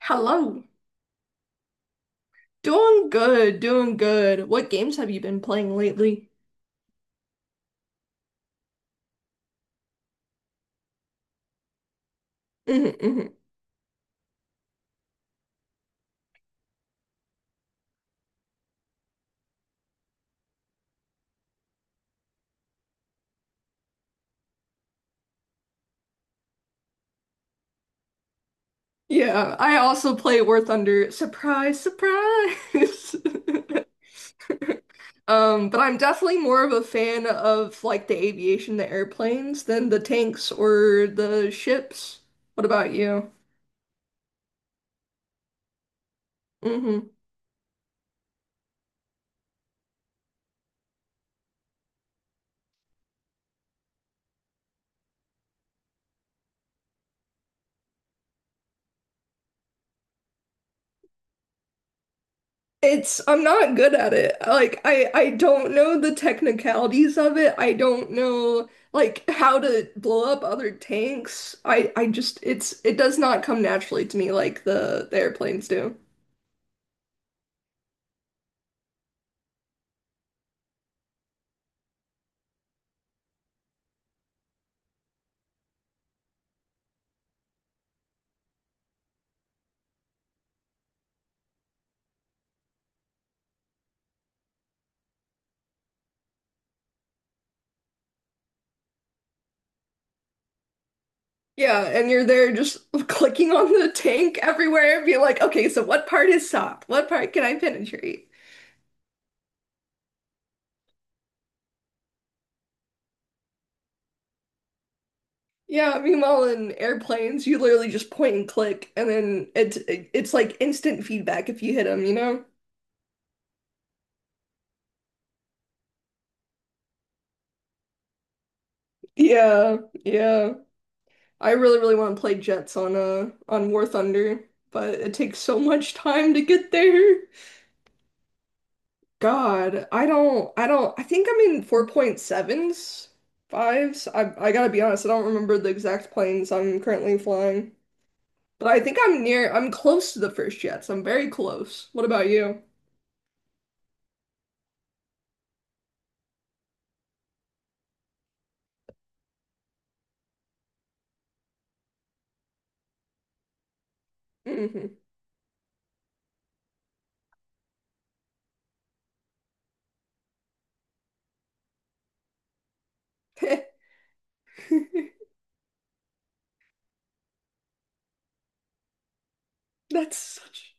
Hello. Doing good, doing good. What games have you been playing lately? hmm hmm Yeah, I also play War Thunder. Surprise, surprise. But I'm definitely more of a fan of like the aviation, the airplanes, than the tanks or the ships. What about you? Mm-hmm. It's I'm not good at it. Like I don't know the technicalities of it. I don't know like how to blow up other tanks. I just it's it does not come naturally to me like the airplanes do. Yeah, and you're there just clicking on the tank everywhere and being like, okay, so what part is soft? What part can I penetrate? Yeah, meanwhile in airplanes, you literally just point and click, and then it's like instant feedback if you hit them. Yeah, yeah. I really, really want to play Jets on War Thunder, but it takes so much time to get there. God, I don't I think I'm in 4.7s, fives. I gotta be honest, I don't remember the exact planes I'm currently flying. But I think I'm close to the first Jets. I'm very close. What about you? hmm That's such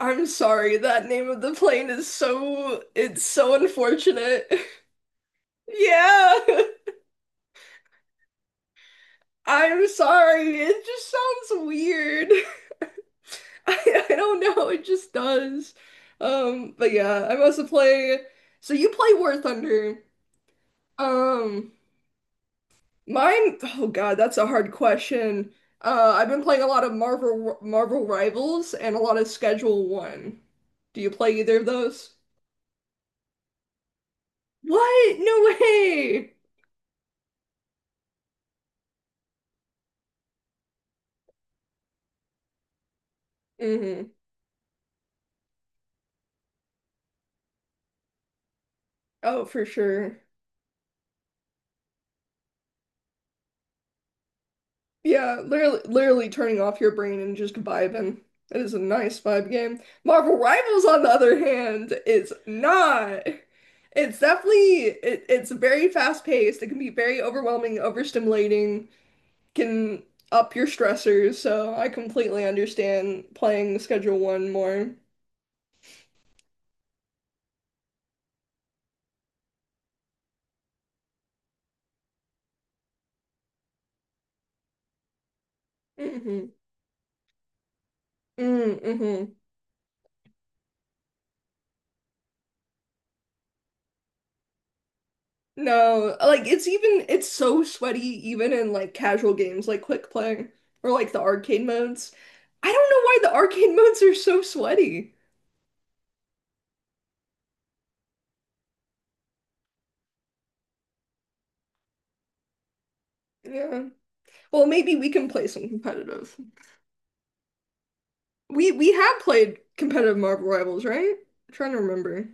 I'm sorry, that name of the plane is so it's so unfortunate. Yeah. I'm sorry. It just sounds weird. I don't know. It just does. But yeah, I also play. So you play War Thunder. Um, mine. Oh God, that's a hard question. I've been playing a lot of Marvel Rivals and a lot of Schedule One. Do you play either of those? What? No way. hmm Oh, for sure. Yeah, literally, literally turning off your brain and just vibing. It is a nice vibe game. Marvel Rivals, on the other hand, is not. It's definitely it's very fast paced. It can be very overwhelming, overstimulating, can up your stressors. So I completely understand playing Schedule One more. Mm-hmm. Mm-hmm. No, like it's so sweaty even in like casual games like quick play or like the arcade modes. I don't know why the arcade modes are so sweaty. Yeah. Well, maybe we can play some competitive. We have played competitive Marvel Rivals, right? I'm trying to remember.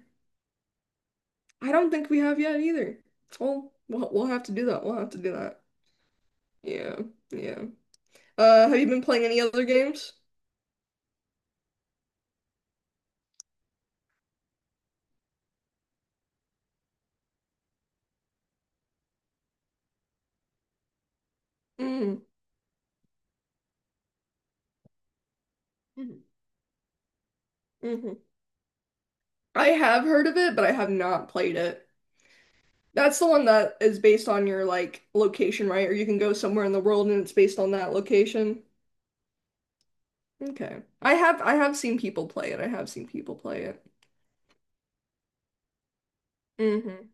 I don't think we have yet either. Well, we'll have to do that. We'll have to do that. Yeah. Yeah. Have you been playing any other games? Mm. Mhm. hmm I have heard of it, but I have not played it. That's the one that is based on your like location, right? Or you can go somewhere in the world and it's based on that location. Okay. I have seen people play it. I have seen people play it. Mm-hmm.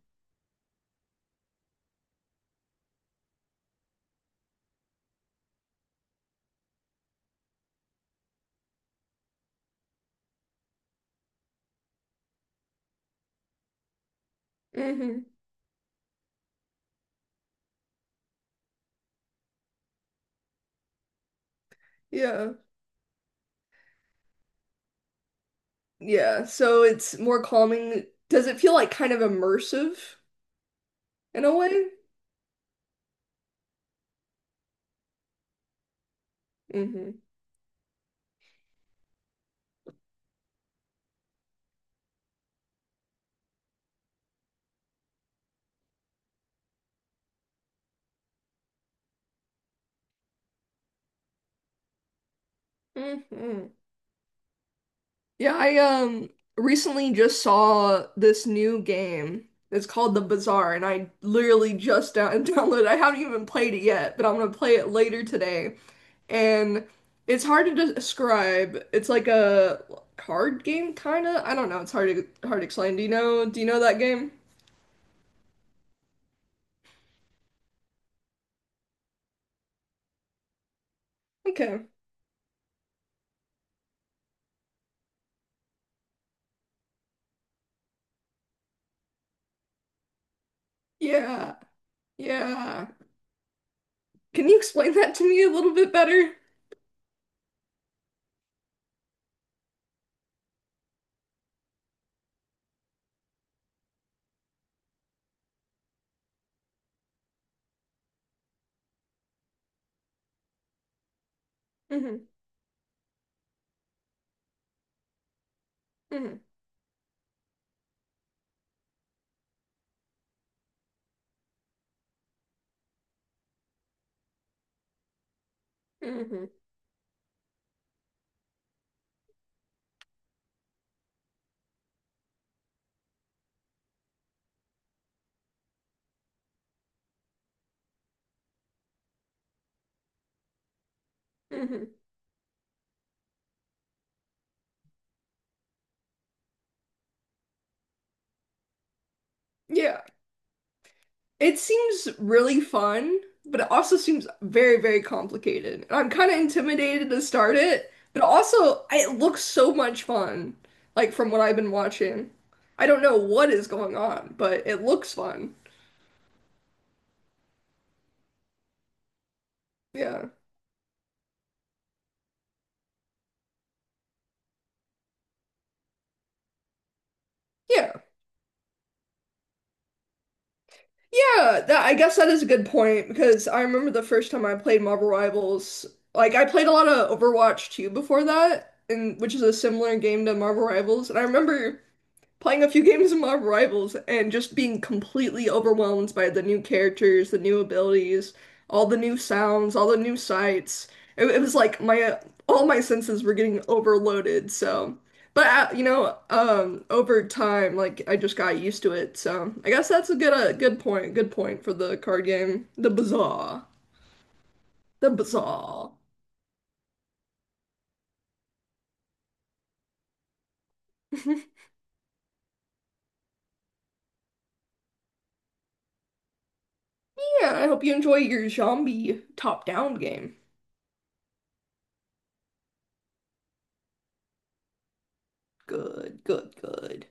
Mm-hmm. Yeah. Yeah. So it's more calming. Does it feel like kind of immersive in a way? Mm-hmm. Mm-hmm. Yeah, I recently just saw this new game. It's called The Bazaar, and I literally just down downloaded. I haven't even played it yet, but I'm gonna play it later today. And it's hard to describe. It's like a card game, kind of. I don't know. It's hard to hard to explain. Do you know that game? Okay. Yeah. Yeah. Can you explain that to me a little bit better? hmm hmm hmm hmm Yeah. It seems really fun, but it also seems very, very complicated. And I'm kind of intimidated to start it, but also it looks so much fun, like from what I've been watching. I don't know what is going on, but it looks fun. Yeah. Yeah. Yeah, that I guess that is a good point because I remember the first time I played Marvel Rivals, like I played a lot of Overwatch 2 before that, and which is a similar game to Marvel Rivals, and I remember playing a few games of Marvel Rivals and just being completely overwhelmed by the new characters, the new abilities, all the new sounds, all the new sights. It was like my all my senses were getting overloaded. So, but over time, like I just got used to it. So I guess that's a good point. Good point for the card game, the bazaar. Yeah, I hope you enjoy your zombie top-down game. Good, good, good.